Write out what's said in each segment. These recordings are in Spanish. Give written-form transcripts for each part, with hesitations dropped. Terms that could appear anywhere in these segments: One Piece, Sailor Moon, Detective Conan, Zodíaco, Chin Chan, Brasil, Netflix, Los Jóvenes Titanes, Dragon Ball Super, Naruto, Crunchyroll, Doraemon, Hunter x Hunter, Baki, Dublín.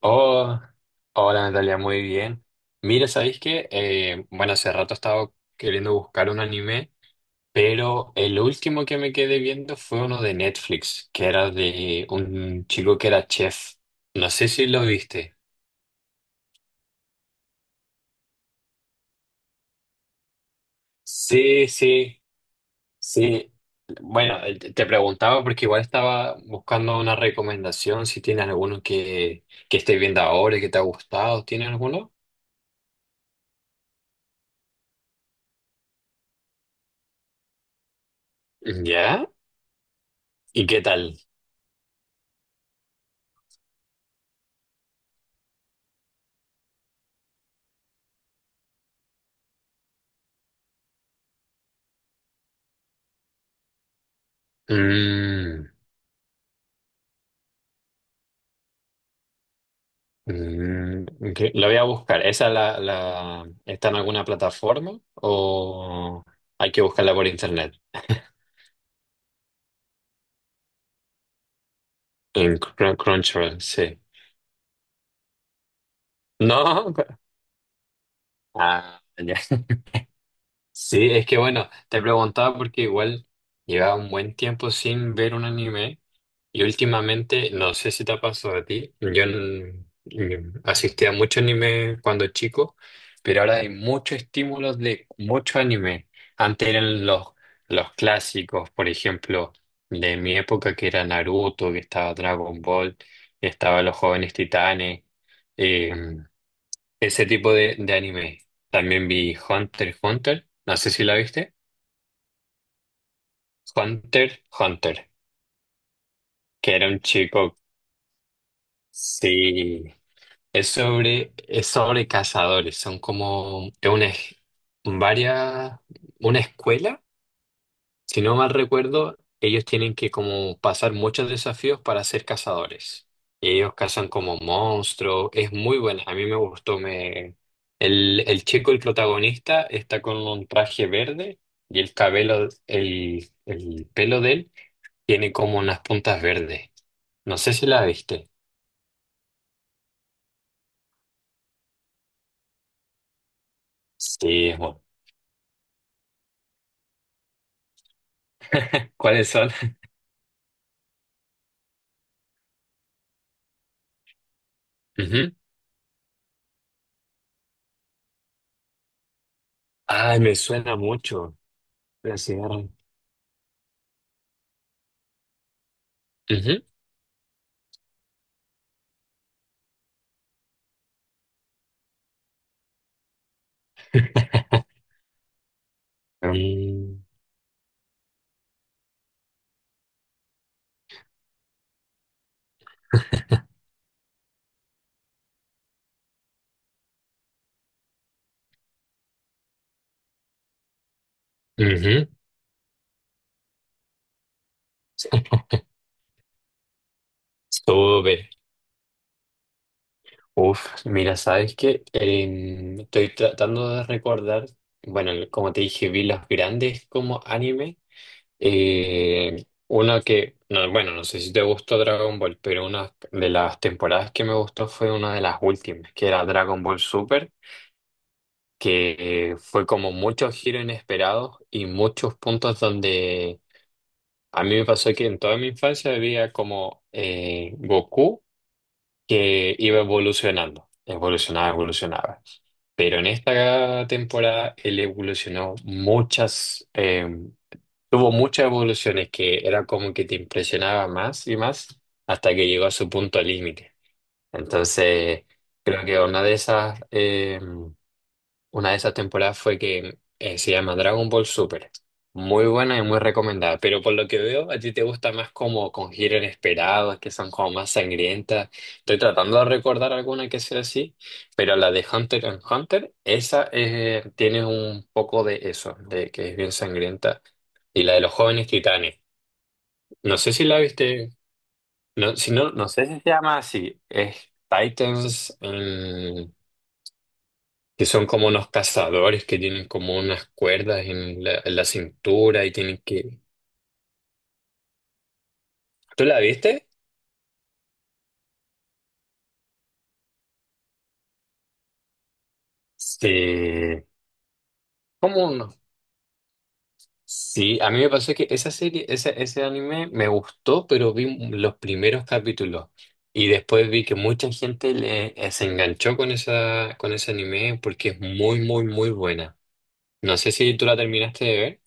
Oh, hola Natalia, muy bien. Mira, ¿sabéis qué? Bueno, hace rato estaba queriendo buscar un anime, pero el último que me quedé viendo fue uno de Netflix, que era de un chico que era chef. No sé si lo viste. Sí, sí, sí. Bueno, te preguntaba porque igual estaba buscando una recomendación, si tienes alguno que estés viendo ahora y que te ha gustado. ¿Tienes alguno? ¿Ya? ¿Y qué tal? Mm. Mm, ok, la voy a buscar. ¿Esa está en alguna plataforma o hay que buscarla por internet? En Crunchyroll, sí. No, ah, ya. Sí, es que bueno, te preguntaba porque igual llevaba un buen tiempo sin ver un anime y últimamente, no sé si te ha pasado a ti, yo asistía a mucho anime cuando chico, pero ahora hay muchos estímulos de mucho anime. Antes eran los clásicos, por ejemplo, de mi época que era Naruto, que estaba Dragon Ball, estaba Los Jóvenes Titanes. eh, ese tipo de anime. También vi Hunter x Hunter. No sé si la viste. Hunter x Hunter. Que era un chico. Sí. Es sobre cazadores. Son como es una, varias, una escuela. Si no mal recuerdo, ellos tienen que como pasar muchos desafíos para ser cazadores. Y ellos cazan como monstruos. Es muy buena. A mí me gustó. Me... El chico, el protagonista, está con un traje verde y el cabello, el pelo de él tiene como unas puntas verdes. No sé si la viste. Sí, es bueno. ¿Cuáles son? Ujú. Ay, me suena mucho. La cigarra. Ujú. Mm, ujú. Súper. Uf, mira, sabes que estoy tratando de recordar, bueno, como te dije, vi los grandes como anime. Uno que, no, bueno, no sé si te gustó Dragon Ball, pero una de las temporadas que me gustó fue una de las últimas, que era Dragon Ball Super, que fue como muchos giros inesperados y muchos puntos donde a mí me pasó que en toda mi infancia había como Goku que iba evolucionando, evolucionaba, evolucionaba. Pero en esta temporada él evolucionó muchas, tuvo muchas evoluciones que era como que te impresionaba más y más hasta que llegó a su punto límite. Entonces, creo que una de esas una de esas temporadas fue que se llama Dragon Ball Super. Muy buena y muy recomendada. Pero por lo que veo, a ti te gusta más como con giros inesperados, que son como más sangrientas. Estoy tratando de recordar alguna que sea así, pero la de Hunter x Hunter, esa tiene un poco de eso, de que es bien sangrienta. Y la de los jóvenes titanes. No sé si la viste. No, si no, no sé si se llama así. Es Titans, que son como unos cazadores que tienen como unas cuerdas en la cintura y tienen que... ¿Tú la viste? Sí. ¿Cómo no? Sí, a mí me pasó que esa serie, ese anime me gustó, pero vi los primeros capítulos y después vi que mucha gente le, se enganchó con esa, con ese anime porque es muy, muy, muy buena. No sé si tú la terminaste de ver.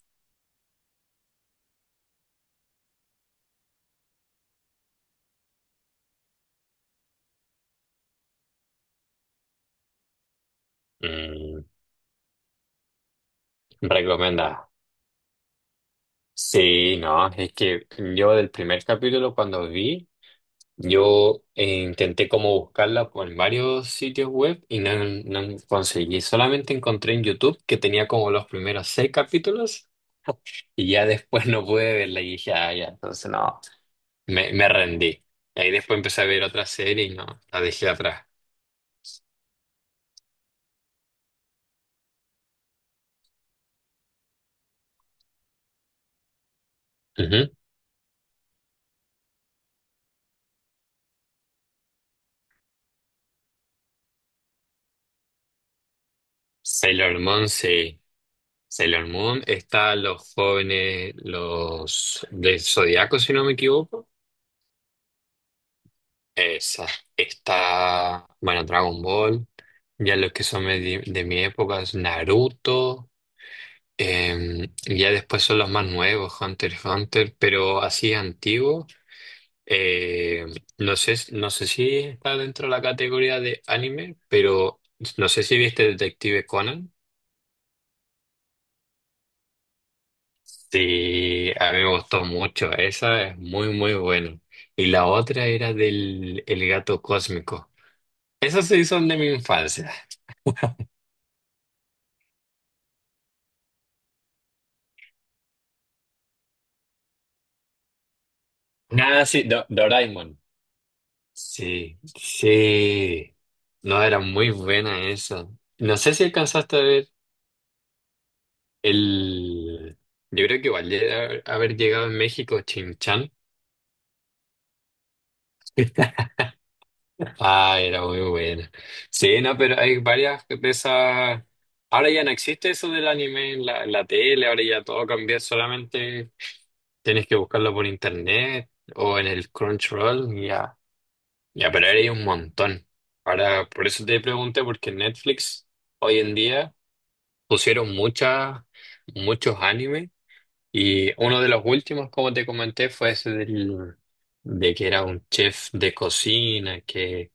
Mm, recomendada. Sí, no, es que yo del primer capítulo cuando vi... Yo intenté como buscarla en varios sitios web y no, no conseguí. Solamente encontré en YouTube que tenía como los primeros seis capítulos. Y ya después no pude verla y dije, ah, ya, entonces no, me rendí. Y ahí después empecé a ver otra serie y no, la dejé atrás. Ujú. Sailor Moon, sí. Sailor Moon, está los jóvenes, los del Zodíaco, si no me equivoco. Esa, está, bueno, Dragon Ball, ya los que son de mi época es Naruto, y ya después son los más nuevos, Hunter x Hunter, pero así antiguo, eh, no sé, no sé si está dentro de la categoría de anime, pero no sé si viste Detective Conan. Sí, a mí me gustó mucho, esa es muy, muy buena. Y la otra era del el gato cósmico. Esas sí son de mi infancia. Ah, sí, Doraemon. Sí, sí. No, era muy buena esa. No sé si alcanzaste a ver el... Yo creo que igual haber llegado en México, Chin Chan. Ah, era muy buena. Sí, no, pero hay varias de esas... Ahora ya no existe eso del anime en la tele, ahora ya todo cambió, solamente tienes que buscarlo por internet o en el Crunchyroll, ya. Ya, pero ahora hay un montón. Ahora, por eso te pregunté, porque en Netflix hoy en día pusieron muchas, muchos animes y uno de los últimos, como te comenté, fue ese del, de que era un chef de cocina que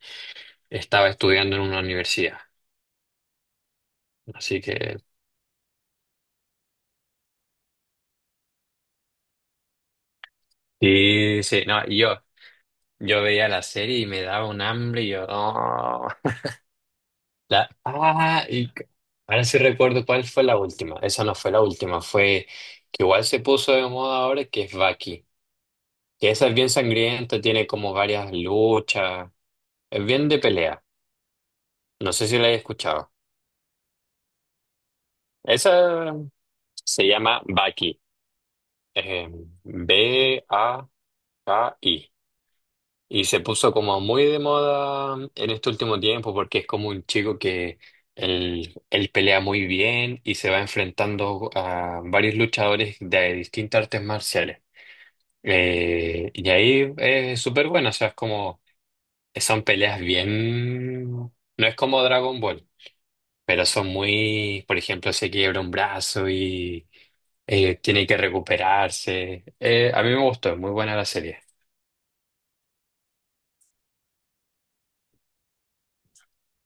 estaba estudiando en una universidad. Así que, sí, sí, no, y yo veía la serie y me daba un hambre y yo, no. Ah, y ahora sí recuerdo cuál fue la última. Esa no fue la última, fue que igual se puso de moda ahora, que es Baki. Que esa es bien sangrienta, tiene como varias luchas, es bien de pelea. No sé si la he escuchado. Esa se llama Baki. eh, B-A-K-I. Y se puso como muy de moda en este último tiempo porque es como un chico que él pelea muy bien y se va enfrentando a varios luchadores de distintas artes marciales. Y ahí es súper bueno, o sea, es como, son peleas bien, no es como Dragon Ball, pero son muy, por ejemplo, se quiebra un brazo y tiene que recuperarse. A mí me gustó, es muy buena la serie.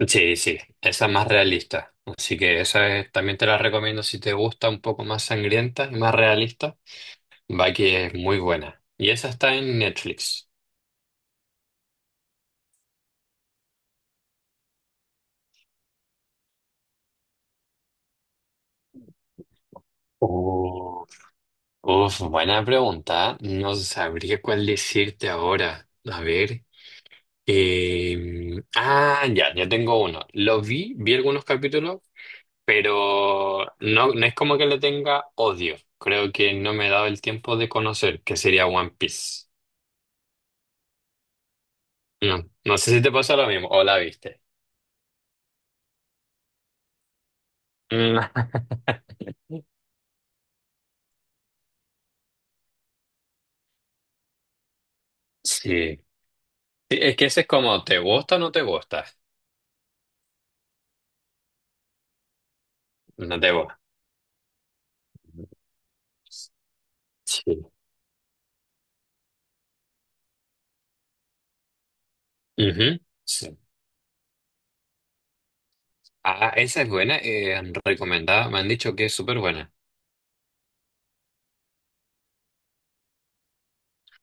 Sí, sí, esa es más realista. Así que esa también te la recomiendo si te gusta un poco más sangrienta y más realista. Va que es muy buena. Y esa está en Netflix. Uf, uf, buena pregunta. No sabría cuál decirte ahora. A ver. Ah, ya, ya tengo uno. Lo vi algunos capítulos, pero no, no es como que le tenga odio. Creo que no me he dado el tiempo de conocer, que sería One Piece. No, no sé si te pasó lo mismo o la viste. Mm, Sí. Sí, es que ese es como, ¿te gusta o no te gusta? No te gusta. Sí. Ujú, sí. Ah, esa es buena, recomendada. Me han dicho que es súper buena.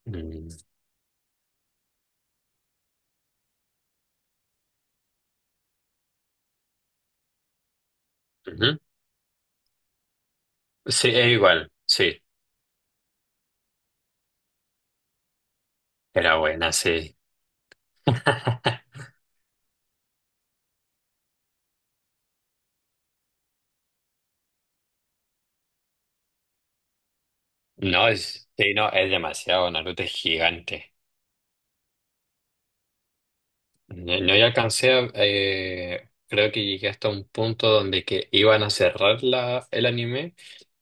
Mm, ujú. Sí, es igual. Sí, era buena, sí. No, es, sí, no, es demasiado. Naruto es gigante. No, no ya alcancé, creo que llegué hasta un punto donde que iban a cerrar la, el anime.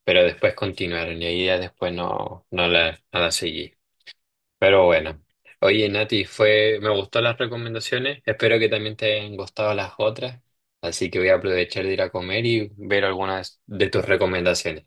Pero después continuaron y ahí ya después no, no la seguí. Pero bueno, oye Nati, fue, me gustó las recomendaciones, espero que también te hayan gustado las otras, así que voy a aprovechar de ir a comer y ver algunas de tus recomendaciones.